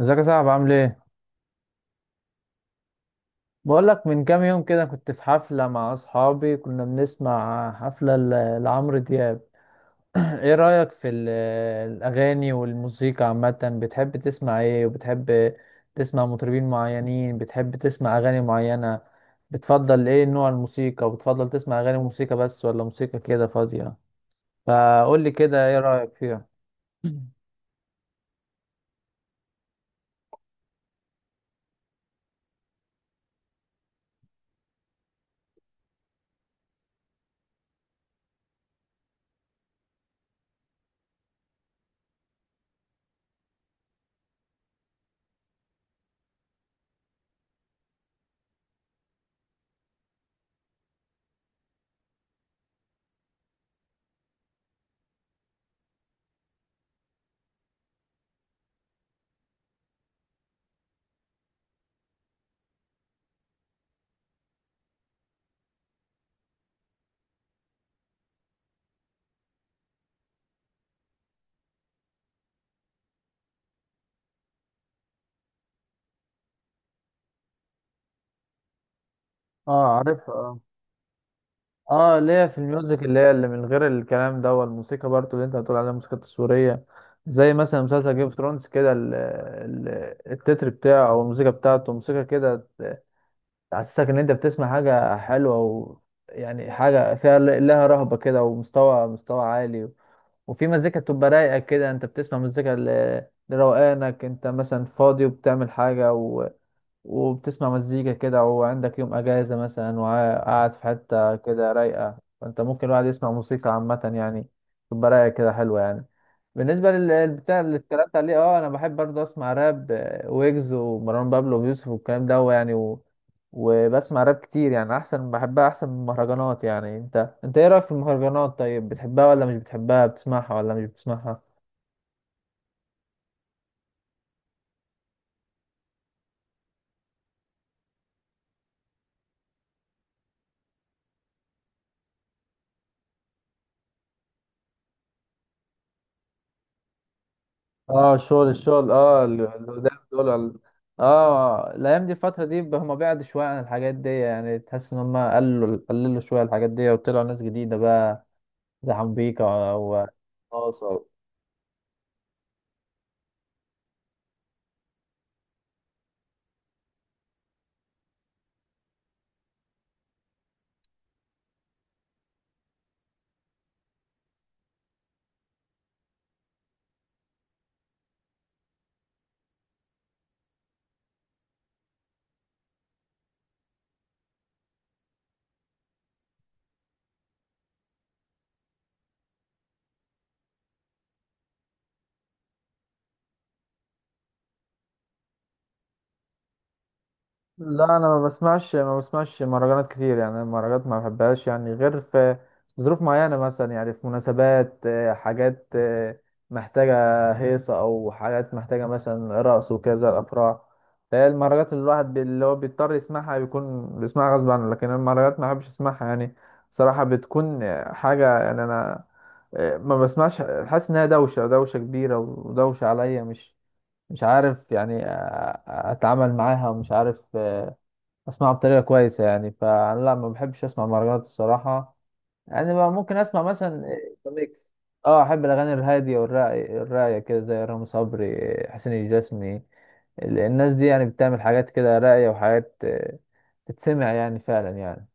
ازيك يا صاحبي، عامل ايه؟ بقول لك، من كام يوم كده كنت في حفلة مع اصحابي، كنا بنسمع حفلة لعمرو دياب. ايه رأيك في الاغاني والموسيقى عامة؟ بتحب تسمع ايه؟ وبتحب تسمع مطربين معينين؟ بتحب تسمع اغاني معينة؟ بتفضل ايه نوع الموسيقى؟ وبتفضل تسمع اغاني موسيقى بس ولا موسيقى كده فاضية؟ فقول لي كده ايه رأيك فيها؟ اه، عارف. اه، ليا في الميوزك اللي هي اللي من غير الكلام ده، والموسيقى برضو اللي انت بتقول عليها الموسيقى التصويرية. زي مثلا مسلسل جيم اوف ثرونز كده، التتر بتاعه او الموسيقى بتاعته موسيقى كده تحسسك ان انت بتسمع حاجة حلوة، و يعني حاجة فيها لها رهبة كده، ومستوى مستوى عالي. وفي مزيكا بتبقى رايقة كده، انت بتسمع مزيكا لروقانك، انت مثلا فاضي وبتعمل حاجة، وبتسمع مزيكا كده وعندك يوم اجازة مثلا وقاعد في حتة كده رايقة، فانت ممكن الواحد يسمع موسيقى عامة يعني، تبقى رايقة كده حلوة يعني. بالنسبة للبتاع اللي اتكلمت عليه، اه انا بحب برضه اسمع راب، ويجز ومروان بابلو ويوسف والكلام ده يعني وبسمع راب كتير يعني، احسن بحبها احسن من المهرجانات يعني. انت ايه رأيك في المهرجانات؟ طيب، بتحبها ولا مش بتحبها؟ بتسمعها ولا مش بتسمعها؟ اه، الشغل الشغل، اه ده دول اه، الايام دي الفتره دي هم بعد شويه عن الحاجات دي يعني، تحس ان هم قللوا قللوا شويه الحاجات دي وطلعوا ناس جديده بقى، زي حنبيكا او ناصر. لا، انا ما بسمعش مهرجانات كتير يعني. أنا المهرجانات ما بحبهاش يعني، غير في ظروف معينة مثلا، يعني في مناسبات حاجات محتاجة هيصة، او حاجات محتاجة مثلا رقص وكذا الافراح. فهي المهرجانات اللي الواحد اللي هو بيضطر يسمعها بيكون بيسمعها غصب عنه، لكن المهرجانات ما بحبش اسمعها يعني. صراحة بتكون حاجة يعني. انا ما بسمعش، حاسس انها دوشة دوشة كبيرة ودوشة عليا. مش عارف يعني اتعامل معاها، ومش عارف اسمعه بطريقه كويسه يعني. فانا لا، ما بحبش اسمع مهرجانات الصراحه. يعني ما ممكن اسمع مثلا ميكس. اه، احب الاغاني الهاديه والراقيه الراقيه كده، زي رامي صبري حسين الجسمي. الناس دي يعني بتعمل حاجات كده راقيه، وحاجات تتسمع يعني فعلا يعني.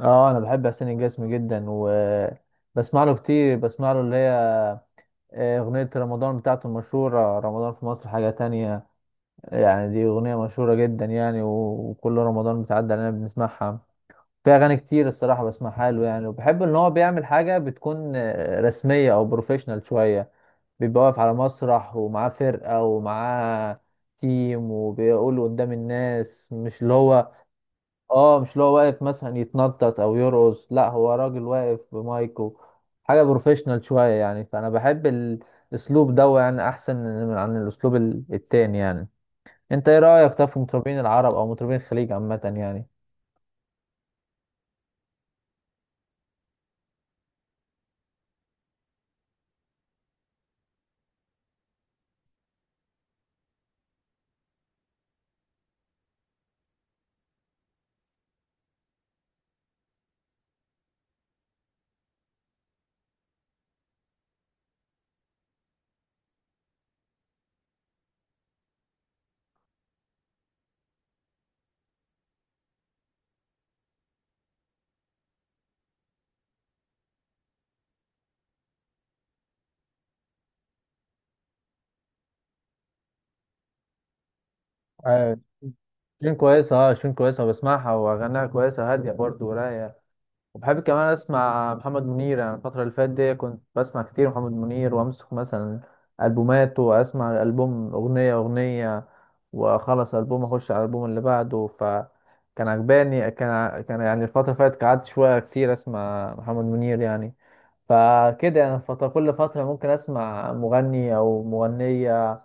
اه، انا بحب حسين الجسمي جدا، و بسمع له كتير. بسمع له اللي هي أغنية رمضان بتاعته المشهورة، رمضان في مصر حاجة تانية. يعني دي أغنية مشهورة جدا يعني، وكل رمضان بتعدي علينا بنسمعها. في اغاني كتير الصراحه بسمعها له يعني، وبحب ان هو بيعمل حاجه بتكون رسميه او بروفيشنال شويه. بيبقى واقف على مسرح ومعاه فرقه ومعاه تيم، وبيقول قدام الناس، مش اللي هو واقف مثلا يتنطط او يرقص. لا، هو راجل واقف بمايكو حاجه بروفيشنال شويه يعني. فانا بحب الاسلوب ده يعني احسن من عن الاسلوب التاني يعني. انت ايه رايك طب في مطربين العرب او مطربين الخليج عامه يعني؟ شين كويسة، بسمعها وأغانيها كويسة هادية برضه ورايقة. وبحب كمان أسمع محمد منير يعني. الفترة اللي فاتت دي كنت بسمع كتير محمد منير، وأمسك مثلا ألبوماته وأسمع الألبوم أغنية أغنية، وأخلص ألبوم أخش على الألبوم اللي بعده، فكان عجباني. كان يعني الفترة اللي فاتت قعدت شوية كتير أسمع محمد منير يعني. فكده يعني، كل فترة ممكن أسمع مغني أو مغنية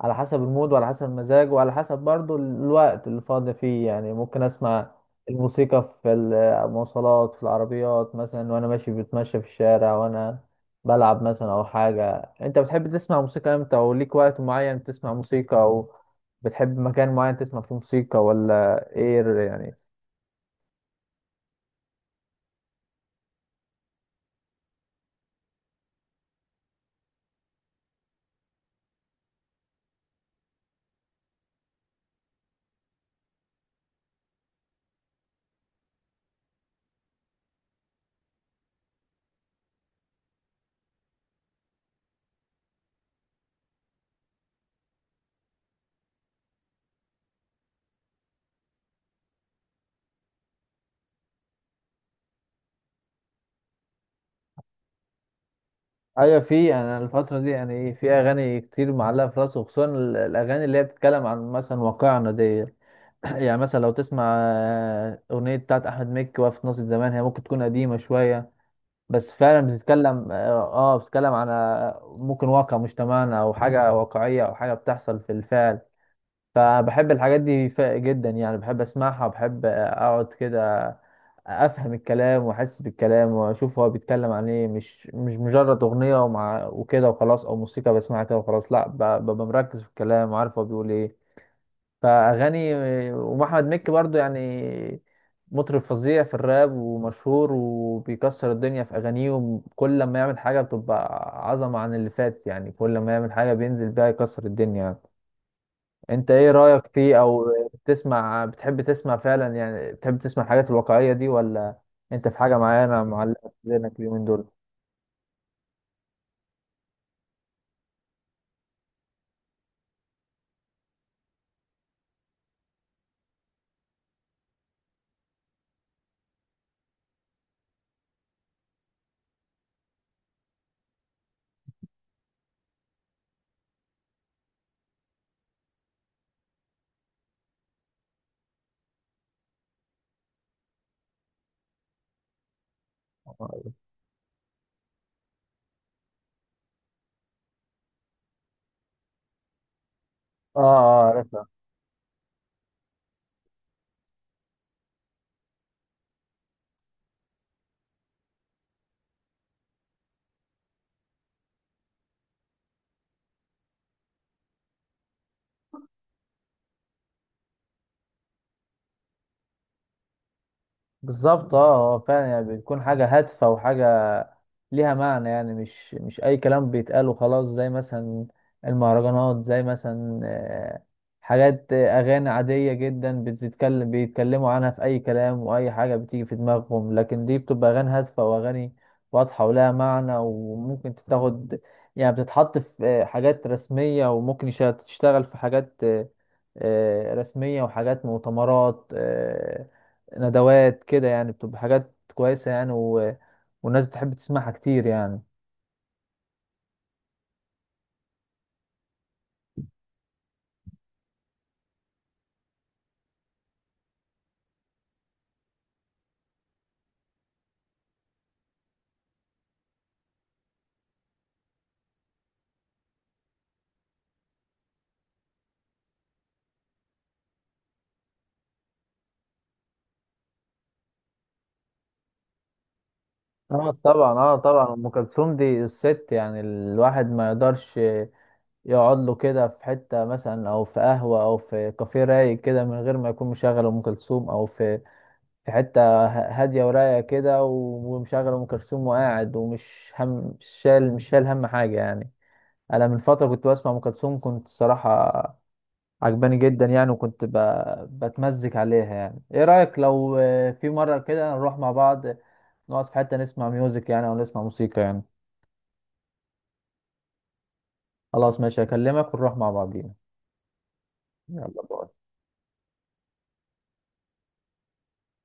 على حسب المود وعلى حسب المزاج وعلى حسب برضو الوقت اللي فاضي فيه يعني. ممكن أسمع الموسيقى في المواصلات في العربيات مثلا، وأنا ماشي بتمشى في الشارع، وأنا بلعب مثلا أو حاجة. أنت بتحب تسمع موسيقى إمتى؟ أو ليك وقت معين تسمع موسيقى؟ أو بتحب مكان معين تسمع فيه موسيقى ولا إيه يعني؟ ايوه، في، انا الفتره دي يعني ايه في اغاني كتير معلقه في راسي، وخصوصا الاغاني اللي هي بتتكلم عن مثلا واقعنا دي. يعني مثلا لو تسمع اغنيه بتاعت احمد مكي وقفت ناصية زمان، هي ممكن تكون قديمه شويه، بس فعلا بتتكلم عن ممكن واقع مجتمعنا، او حاجه واقعيه، او حاجه بتحصل في الفعل. فبحب الحاجات دي جدا يعني، بحب اسمعها وبحب اقعد كده افهم الكلام واحس بالكلام واشوف هو بيتكلم عن ايه. مش مجرد اغنيه ومع وكده وخلاص، او موسيقى بسمعها كده وخلاص. لا، ببقى مركز في الكلام وعارف هو بيقول ايه. فاغاني ومحمد مكي برضو يعني مطرب فظيع في الراب، ومشهور وبيكسر الدنيا في اغانيه. وكل لما يعمل حاجه بتبقى عظمه عن اللي فاتت يعني، كل لما يعمل حاجه بينزل بيها يكسر الدنيا. انت ايه رأيك فيه؟ او بتحب تسمع فعلا يعني؟ بتحب تسمع الحاجات الواقعية دي، ولا انت في حاجة معينة معلقة في ذهنك اليومين دول؟ اه، اه، عارفها. بالظبط، اه، هو فعلا يعني بتكون حاجة هادفة وحاجة ليها معنى يعني. مش اي كلام بيتقال وخلاص، زي مثلا المهرجانات، زي مثلا حاجات اغاني عادية جدا، بيتكلموا عنها في اي كلام واي حاجة بتيجي في دماغهم. لكن دي بتبقى اغاني هادفة واغاني واضحة ولها معنى، وممكن تتاخد يعني بتتحط في حاجات رسمية، وممكن تشتغل في حاجات رسمية وحاجات مؤتمرات ندوات كده يعني. بتبقى حاجات كويسة يعني، والناس بتحب تسمعها كتير يعني. اه، طبعا، اه، طبعا، ام كلثوم دي الست. يعني الواحد ما يقدرش يقعد له كده في حته مثلا، او في قهوه، او في كافيه رايق كده من غير ما يكون مشغل ام كلثوم، او في حته هاديه ورايقه كده، ومشغل ام كلثوم وقاعد، ومش هم مش شال هم حاجه يعني. انا من فتره كنت بسمع ام كلثوم، كنت الصراحه عجباني جدا يعني، وكنت بتمزج عليها يعني. ايه رايك لو في مره كده نروح مع بعض، نقعد في حتة نسمع ميوزك يعني، أو نسمع موسيقى يعني؟ خلاص، ماشي، أكلمك ونروح مع بعضينا. يلا، باي.